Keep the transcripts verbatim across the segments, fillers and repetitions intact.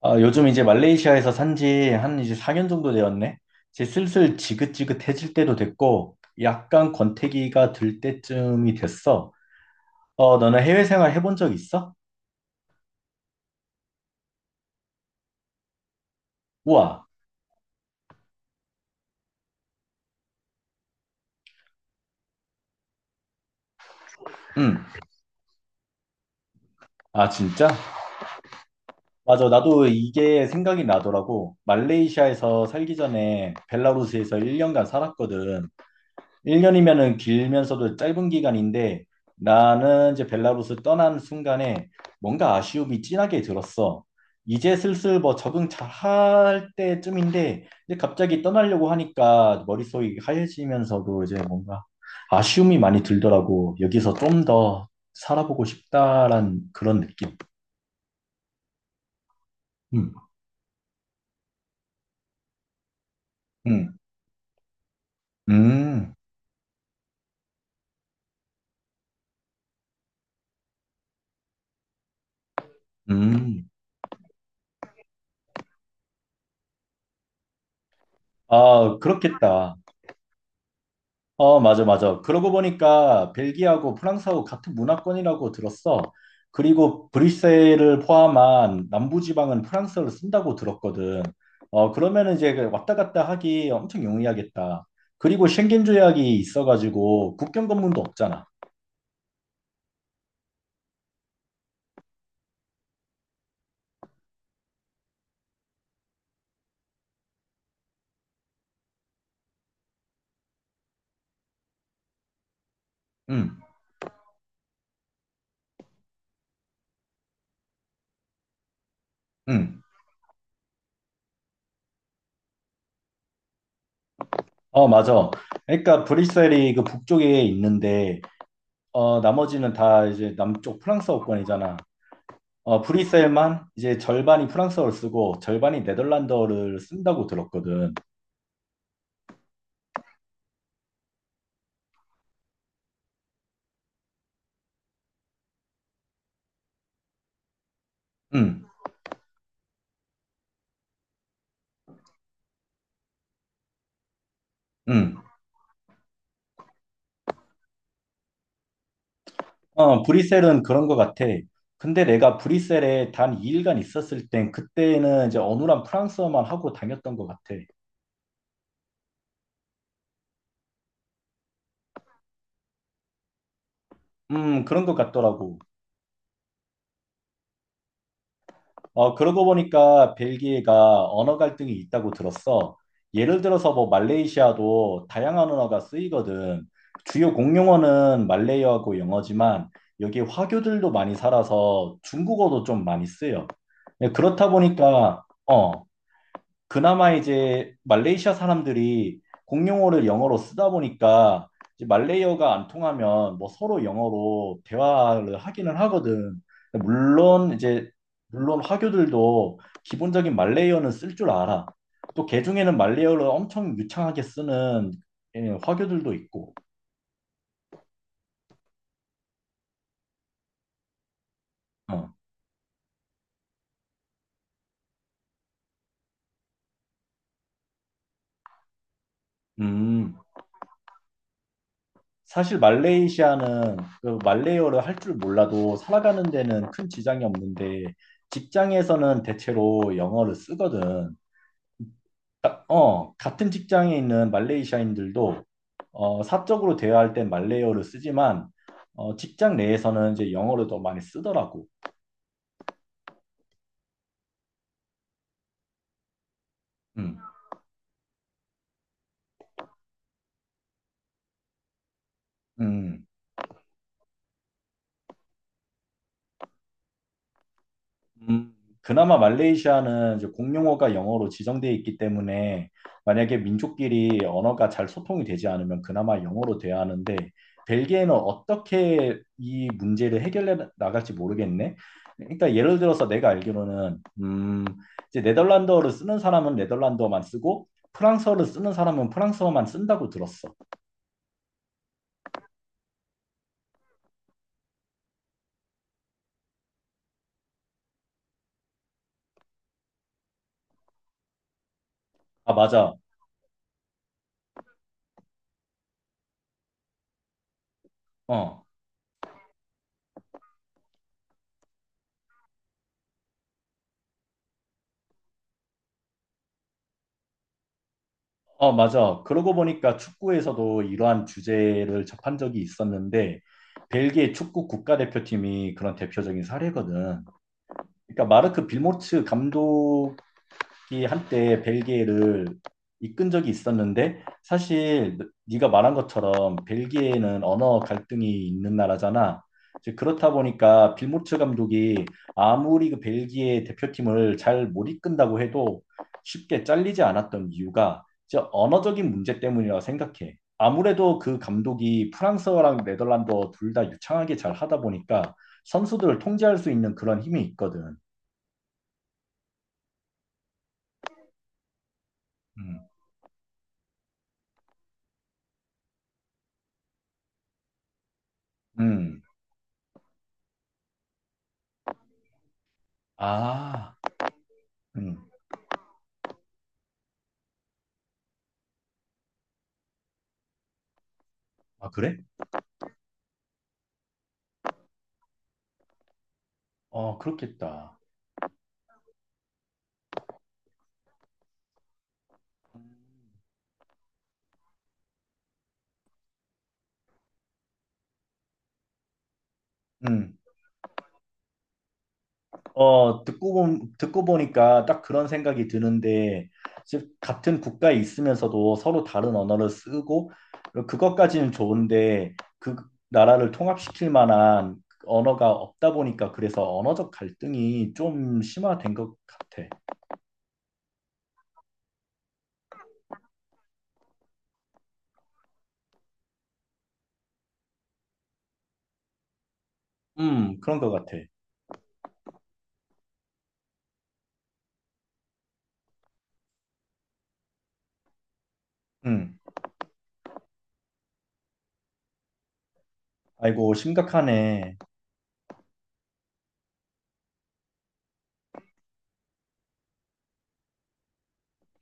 아, 요즘 이제 말레이시아에서 산지 한 이제 사 년 정도 되었네. 이제 슬슬 지긋지긋해질 때도 됐고, 약간 권태기가 들 때쯤이 됐어. 어, 너는 해외 생활 해본 적 있어? 우와, 응. 아, 진짜? 맞아, 나도 이게 생각이 나더라고. 말레이시아에서 살기 전에 벨라루스에서 일 년간 살았거든. 일 년이면은 길면서도 짧은 기간인데 나는 이제 벨라루스 떠난 순간에 뭔가 아쉬움이 진하게 들었어. 이제 슬슬 뭐 적응 잘할 때쯤인데 이제 갑자기 떠나려고 하니까 머릿속이 하얘지면서도 이제 뭔가 아쉬움이 많이 들더라고. 여기서 좀 더 살아보고 싶다란 그런 느낌. 음, 음, 음, 음. 아, 그렇겠다. 어, 맞아, 맞아. 그러고 보니까 벨기에하고 프랑스하고 같은 문화권이라고 들었어. 그리고 브뤼셀을 포함한 남부지방은 프랑스어를 쓴다고 들었거든. 어, 그러면 이제 그 왔다 갔다 하기 엄청 용이하겠다. 그리고 쉥겐 조약이 있어가지고 국경 검문도 없잖아. 응, 응. 어, 맞아. 그러니까 브뤼셀이 그 북쪽에 있는데, 어, 나머지는 다 이제 남쪽 프랑스어권이잖아. 어, 브뤼셀만 이제 절반이 프랑스어를 쓰고 절반이 네덜란드어를 쓴다고 들었거든. 응, 응. 어, 브뤼셀은 그런 것 같아. 근데 내가 브뤼셀에 단 이 일간 있었을 땐 그때는 이제 어눌한 프랑스어만 하고 다녔던 것 같아. 음, 그런 것 같더라고. 어, 그러고 보니까 벨기에가 언어 갈등이 있다고 들었어. 예를 들어서 뭐 말레이시아도 다양한 언어가 쓰이거든. 주요 공용어는 말레이어하고 영어지만 여기 화교들도 많이 살아서 중국어도 좀 많이 쓰여. 네, 그렇다 보니까 어, 그나마 이제 말레이시아 사람들이 공용어를 영어로 쓰다 보니까 이제 말레이어가 안 통하면 뭐 서로 영어로 대화를 하기는 하거든. 근데 물론 이제 물론 화교들도 기본적인 말레이어는 쓸 줄 알아. 또 개중에는 말레이어를 엄청 유창하게 쓰는 예, 화교들도 있고. 어. 음. 사실 말레이시아는 그 말레이어를 할 줄 몰라도 살아가는 데는 큰 지장이 없는데 직장에서는 대체로 영어를 쓰거든. 가- 어, 같은 직장에 있는 말레이시아인들도 어, 사적으로 대화할 땐 말레이어를 쓰지만 어, 직장 내에서는 이제 영어를 더 많이 쓰더라고. 음, 음. 음, 그나마 말레이시아는 이제 공용어가 영어로 지정되어 있기 때문에 만약에 민족끼리 언어가 잘 소통이 되지 않으면 그나마 영어로 돼야 하는데 벨기에는 어떻게 이 문제를 해결해 나갈지 모르겠네. 그러니까 예를 들어서 내가 알기로는 음, 이제 네덜란드어를 쓰는 사람은 네덜란드어만 쓰고 프랑스어를 쓰는 사람은 프랑스어만 쓴다고 들었어. 아, 맞아. 어. 어, 맞아. 그러고 보니까 축구에서도 이러한 주제를 접한 적이 있었는데, 벨기에 축구 국가대표팀이 그런 대표적인 사례거든. 그러니까 마르크 빌모츠 감독 이 한때 벨기에를 이끈 적이 있었는데 사실 네가 말한 것처럼 벨기에는 언어 갈등이 있는 나라잖아. 이제 그렇다 보니까 빌모츠 감독이 아무리 그 벨기에 대표팀을 잘 못 이끈다고 해도 쉽게 잘리지 않았던 이유가 이제 언어적인 문제 때문이라고 생각해. 아무래도 그 감독이 프랑스어랑 네덜란드어 둘 다 유창하게 잘 하다 보니까 선수들을 통제할 수 있는 그런 힘이 있거든. 음. 음. 아. 음. 아, 그래? 어, 그렇겠다. 음. 어, 듣고 보, 듣고 보니까 딱 그런 생각이 드는데, 즉, 같은 국가에 있으면서도 서로 다른 언어를 쓰고, 그것까지는 좋은데, 그 나라를 통합시킬 만한 언어가 없다 보니까, 그래서 언어적 갈등이 좀 심화된 것 같아. 음, 그런 것 같아. 음. 아이고, 심각하네.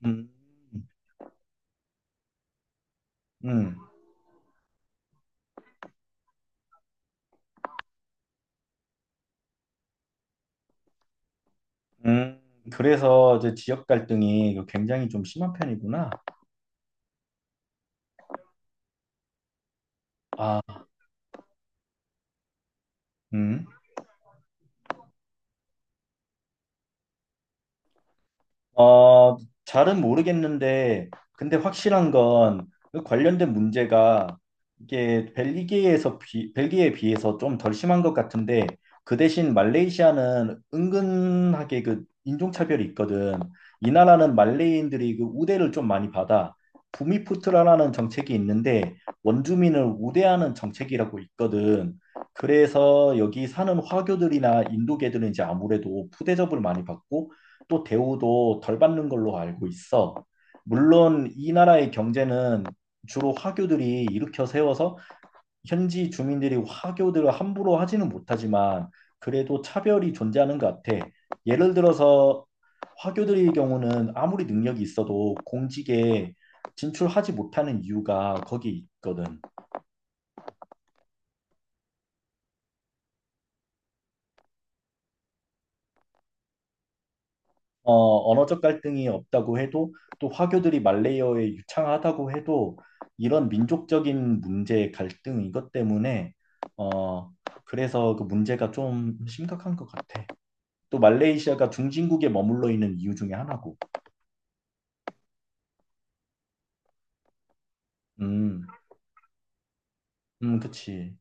음, 음, 음. 그래서 이제 지역 갈등이 굉장히 좀 심한 편이구나. 아, 음. 어, 잘은 모르겠는데, 근데 확실한 건그 관련된 문제가 이게 벨기에에서 비, 벨기에에 비해서 좀 덜 심한 것 같은데, 그 대신 말레이시아는 은근하게 그 인종차별이 있거든. 이 나라는 말레이인들이 그 우대를 좀 많이 받아. 부미푸트라라는 정책이 있는데, 원주민을 우대하는 정책이라고 있거든. 그래서 여기 사는 화교들이나 인도계들은 이제 아무래도 푸대접을 많이 받고, 또 대우도 덜 받는 걸로 알고 있어. 물론 이 나라의 경제는 주로 화교들이 일으켜 세워서 현지 주민들이 화교들을 함부로 하지는 못하지만 그래도 차별이 존재하는 것 같아. 예를 들어서 화교들의 경우는 아무리 능력이 있어도 공직에 진출하지 못하는 이유가 거기 있거든. 어, 언어적 갈등이 없다고 해도 또 화교들이 말레이어에 유창하다고 해도 이런 민족적인 문제 갈등 이것 때문에 어, 그래서 그 문제가 좀 심각한 것 같아. 또 말레이시아가 중진국에 머물러 있는 이유 중에 하나고. 음, 음, 그치.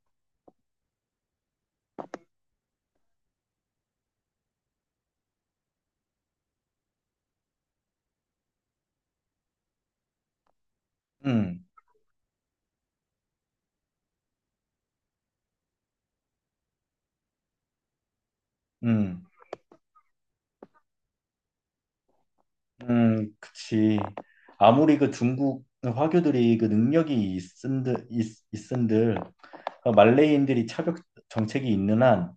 음, 음, 음, 그치. 아무리 그 중국 화교들이 그 능력이 있은들, 있, 있은들 어, 말레이인들이 차벽 정책이 있는 한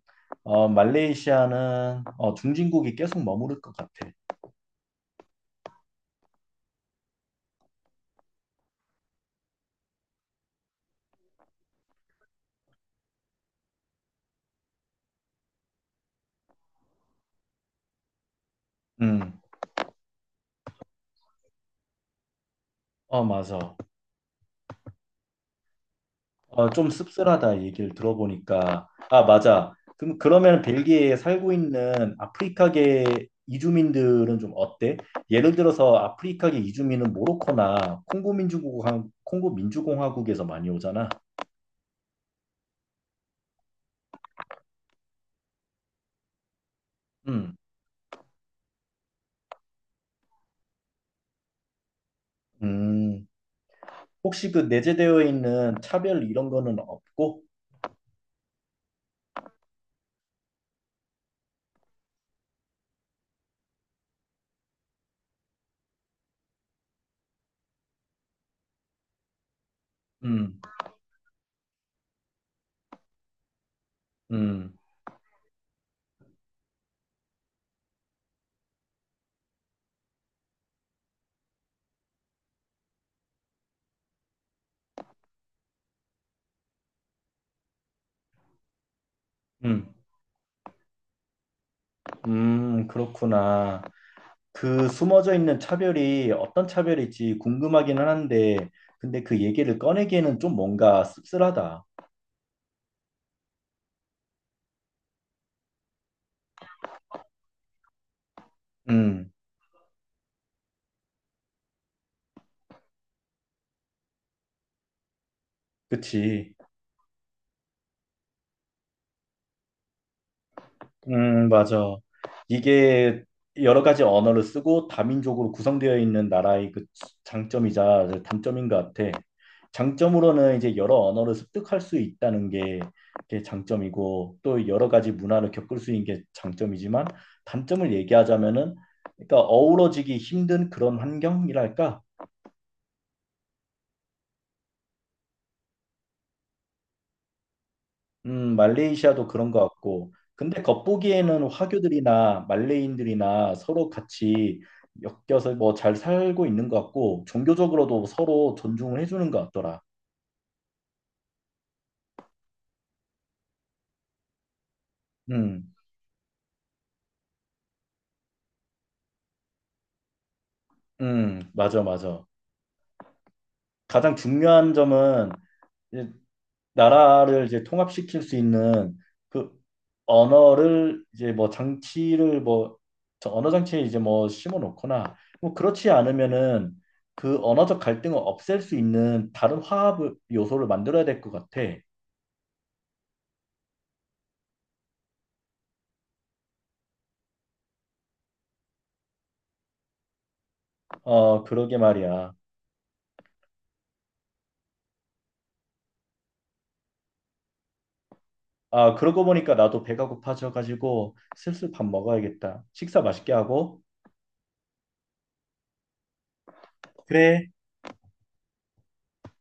어, 말레이시아는 어, 중진국이 계속 머무를 것 같아. 음, 어, 맞아. 어, 좀 씁쓸하다 이 얘기를 들어보니까. 아, 맞아. 그럼 그러면 벨기에에 살고 있는 아프리카계 이주민들은 좀 어때? 예를 들어서 아프리카계 이주민은 모로코나 콩고 민주공화국, 콩고 민주공화국에서 많이 오잖아. 음, 음. 혹시 그 내재되어 있는 차별 이런 거는 없고? 음, 음, 음. 음, 그렇구나. 그 숨어져 있는 차별이 어떤 차별일지 궁금하기는 한데, 근데 그 얘기를 꺼내기에는 좀 뭔가 씁쓸하다. 음, 그치. 음, 맞아. 이게 여러 가지 언어를 쓰고 다민족으로 구성되어 있는 나라의 그 장점이자 단점인 것 같아. 장점으로는 이제 여러 언어를 습득할 수 있다는 게 그게 장점이고 또 여러 가지 문화를 겪을 수 있는 게 장점이지만 단점을 얘기하자면은 그러니까 어우러지기 힘든 그런 환경이랄까? 음, 말레이시아도 그런 것 같고. 근데 겉보기에는 화교들이나 말레이인들이나 서로 같이 엮여서 뭐 잘 살고 있는 것 같고, 종교적으로도 서로 존중을 해주는 것 같더라. 음, 음, 맞아, 맞아. 가장 중요한 점은 나라를 이제 통합시킬 수 있는 그 언어를 이제 뭐 장치를 뭐 저 언어 장치에 이제 뭐 심어 놓거나 뭐 그렇지 않으면은 그 언어적 갈등을 없앨 수 있는 다른 화합 요소를 만들어야 될 것 같아. 어, 그러게 말이야. 아, 그러고 보니까 나도 배가 고파져 가지고 슬슬 밥 먹어야겠다. 식사 맛있게 하고. 그래.